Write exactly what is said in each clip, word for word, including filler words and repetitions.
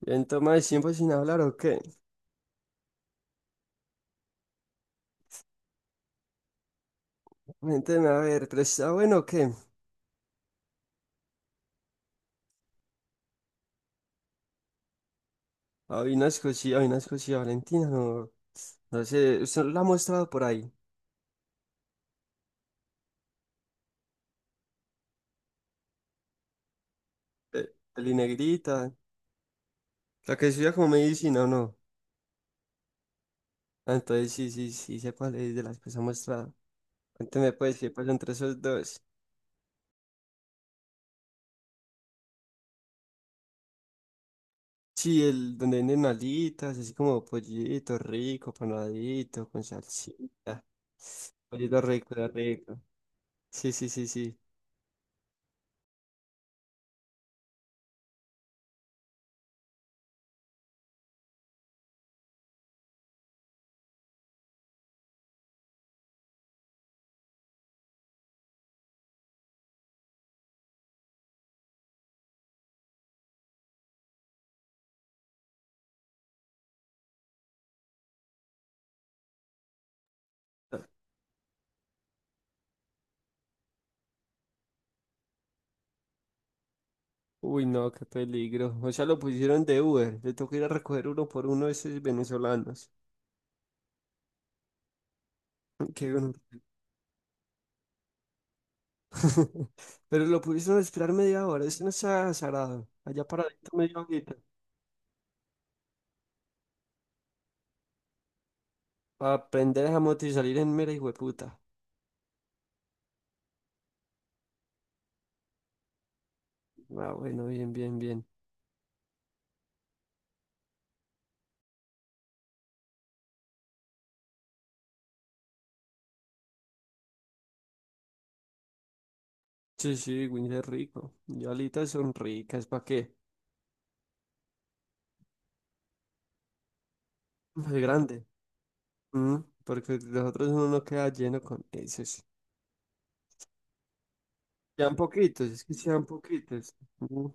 Bien, toma de tiempo sin hablar, ¿o qué? Cuénteme, a ver, pero está bueno, ¿o qué? Hay una cosillas, hay una cosillas, Valentina, no, no sé, usted la ha mostrado por ahí, eh, peli negrita, la que estudia como medicina, ¿o no? Ah, entonces sí, sí, sí, sé cuál es de las que se ha mostrado. Cuénteme, pues, qué pasa entre esos dos. Sí, el donde venden alitas, así como pollito rico, panadito, con salsita, pollito rico, rico. Sí, sí, sí, sí. Uy, no, qué peligro. O sea, lo pusieron de Uber. Le tocó ir a recoger uno por uno de esos venezolanos. Qué honor. Pero lo pusieron a esperar media hora. Eso no está azarado. Allá paradito media horita. Para aprender a moto y salir en mera hijueputa. Ah, bueno, bien, bien, bien. Sí, sí, Winnie es rico. Y alitas son ricas. ¿Para qué? Muy grande. Mm. Porque los otros uno no queda lleno con esos. Sean poquitos, es que sean poquitos. Mm.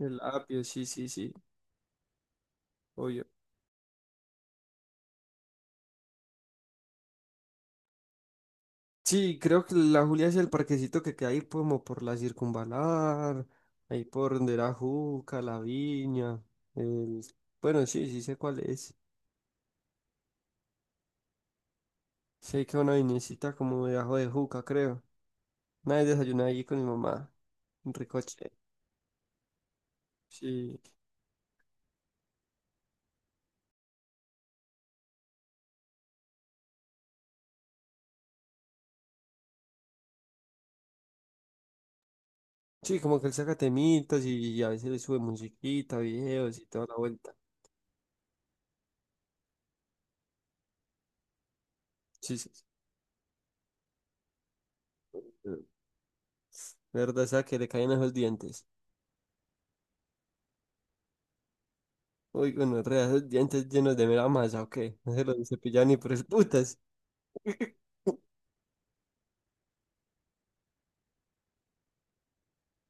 El apio, sí, sí, sí. Obvio. Sí, creo que la Julia es el parquecito que queda ahí como por la circunvalar, ahí por donde era Juca, la Viña, el... bueno, sí, sí sé cuál es. Sé que una viñecita como debajo de Juca, creo. Nadie desayuna ahí con mi mamá, un ricoche. Sí, sí, como que él saca temitas y, a veces le sube musiquita, videos y toda la vuelta. Sí, sí, sí. Eh, La verdad, esa que le caen esos dientes. Uy, bueno, re, esos dientes llenos de mera masa, ¿o qué? No se los cepillan ni por el putas.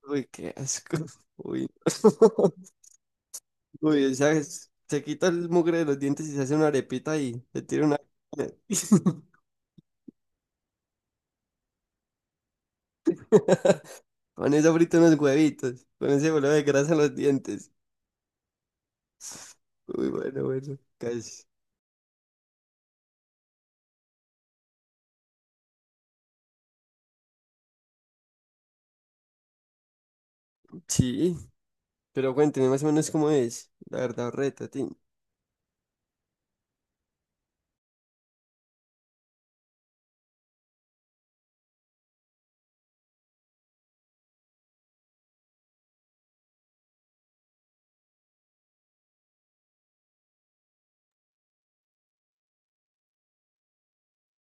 Uy, qué asco. Uy, uy, o sea, es- se quita el mugre de los dientes y se hace una arepita y se tira una... Con eso frito unos huevitos, con ese bolo de grasa en los dientes. Uy, bueno, bueno, casi. Sí, pero cuénteme más o menos cómo es, la verdad, reta, Tim.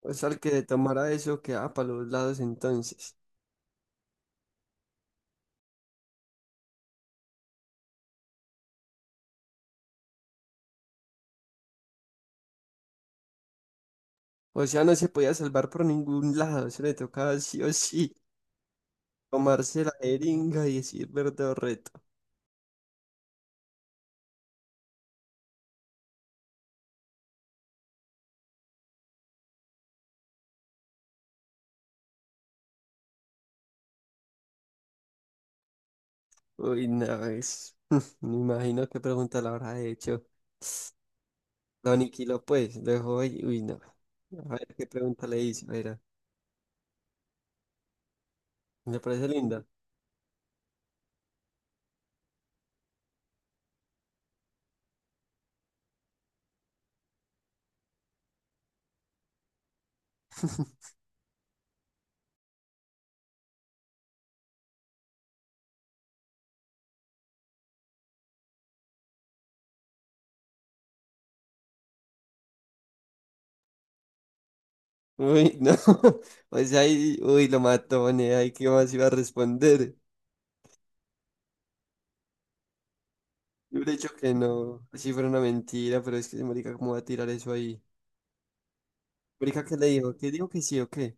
O sea, el que se tomara eso quedaba para los lados entonces. O sea, no se podía salvar por ningún lado, se le tocaba sí o sí tomarse la jeringa y decir verdad. Uy, no, es... Me imagino qué pregunta le habrá hecho. Lo aniquiló, pues. Lo dejó ahí. Uy, no. A ver qué pregunta le hizo. Mira, me parece linda. Uy, no. O sea, ahí, uy, lo mató, ¿no? Ahí, ¿qué más iba a responder? Yo hubiera dicho que no. Así fuera una mentira, pero es que, marica, ¿cómo va a tirar eso ahí? Marica, ¿qué le dijo? ¿Qué dijo que sí o qué?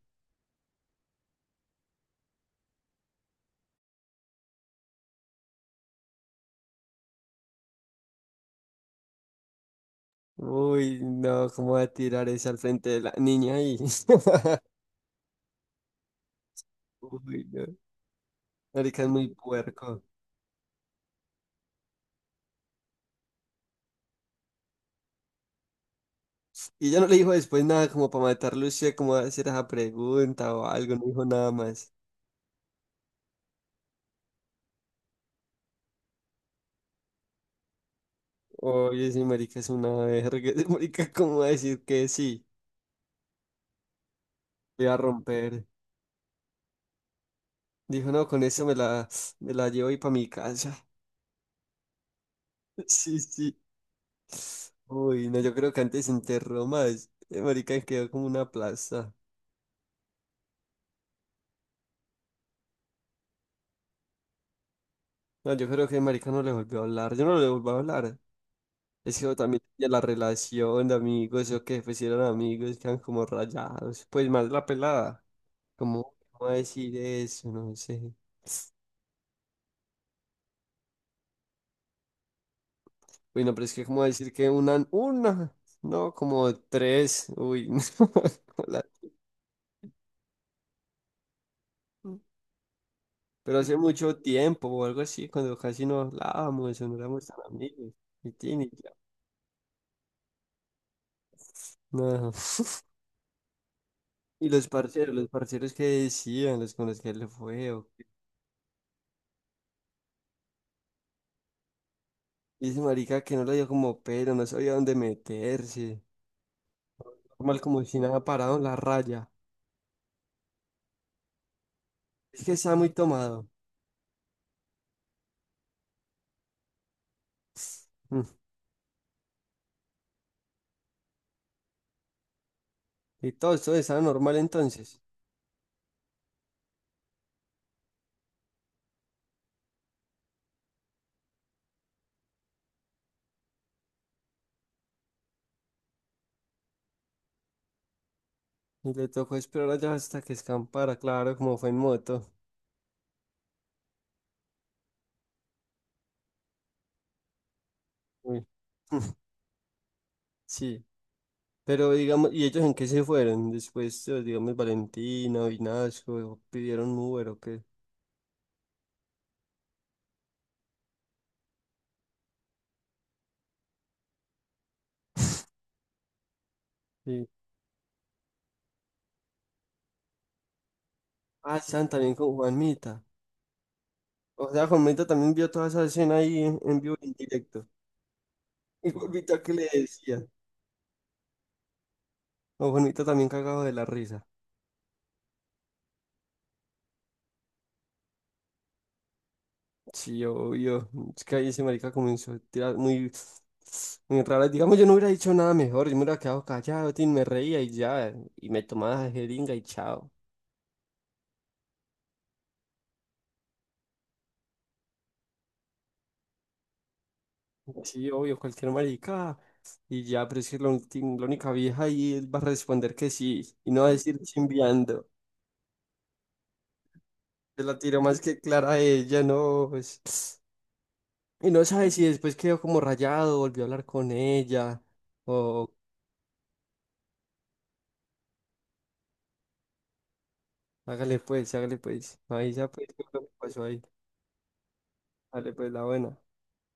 Uy, no, ¿cómo va a tirar eso al frente de la niña ahí? Uy, no. Marica es muy puerco. Y ella no le dijo después nada como para matarlo usted, como a hacer esa pregunta o algo, no dijo nada más. Oye, ese marica es una verga, ese marica cómo va a decir que sí, voy a romper. Dijo, no, con eso me la, me la llevo y para mi casa. Sí, sí. Uy, no, yo creo que antes se enterró más. El marica quedó como una plaza. No, yo creo que el marica no le volvió a hablar, yo no le volví a hablar. Es que también ya la relación de amigos, o que pues si eran amigos, quedan como rayados. Pues más la pelada. ¿Cómo, cómo decir eso? No sé. Uy, no, pero es que cómo decir que una, una, no, como tres, uy, no, la- Pero hace mucho tiempo o algo así, cuando casi no hablábamos o no éramos tan amigos. Y tin, y ya. No. Y los parceros, los parceros que decían, los con los que le fue. o- Y ese marica que no le dio como pero, no sabía dónde meterse. Normal como si nada parado en la raya. Es que estaba muy tomado. Mm. Y todo esto estaba normal entonces. Y le tocó esperar allá hasta que escampara, claro, como fue en moto. Uy. Sí, pero digamos, ¿y ellos en qué se fueron? Después, eh, digamos, Valentina, Vinasco, o pidieron Uber o qué. Sí. Ah, están también con Juanmita. O sea, Juanmita también vio toda esa escena ahí en, en vivo y en directo. Y Juanmita, ¿qué le decía? O Juanmita también cagado de la risa. Sí, obvio. Es que ahí ese marica comenzó a tirar muy, muy raras. Digamos, yo no hubiera dicho nada mejor. Yo me hubiera quedado callado, tin, me reía y ya. Y me tomaba de jeringa y chao. Sí, obvio, cualquier marica. Y ya, pero es que la, ulti- la única vieja ahí él va a responder que sí. Y no va a decir chimbeando. Se la tiró más que clara a ella, no. Pues. Y no sabe si después quedó como rayado, volvió a hablar con ella. O hágale pues, hágale pues. Ahí ya pues, ¿qué fue lo que pasó ahí? Dale pues, la buena.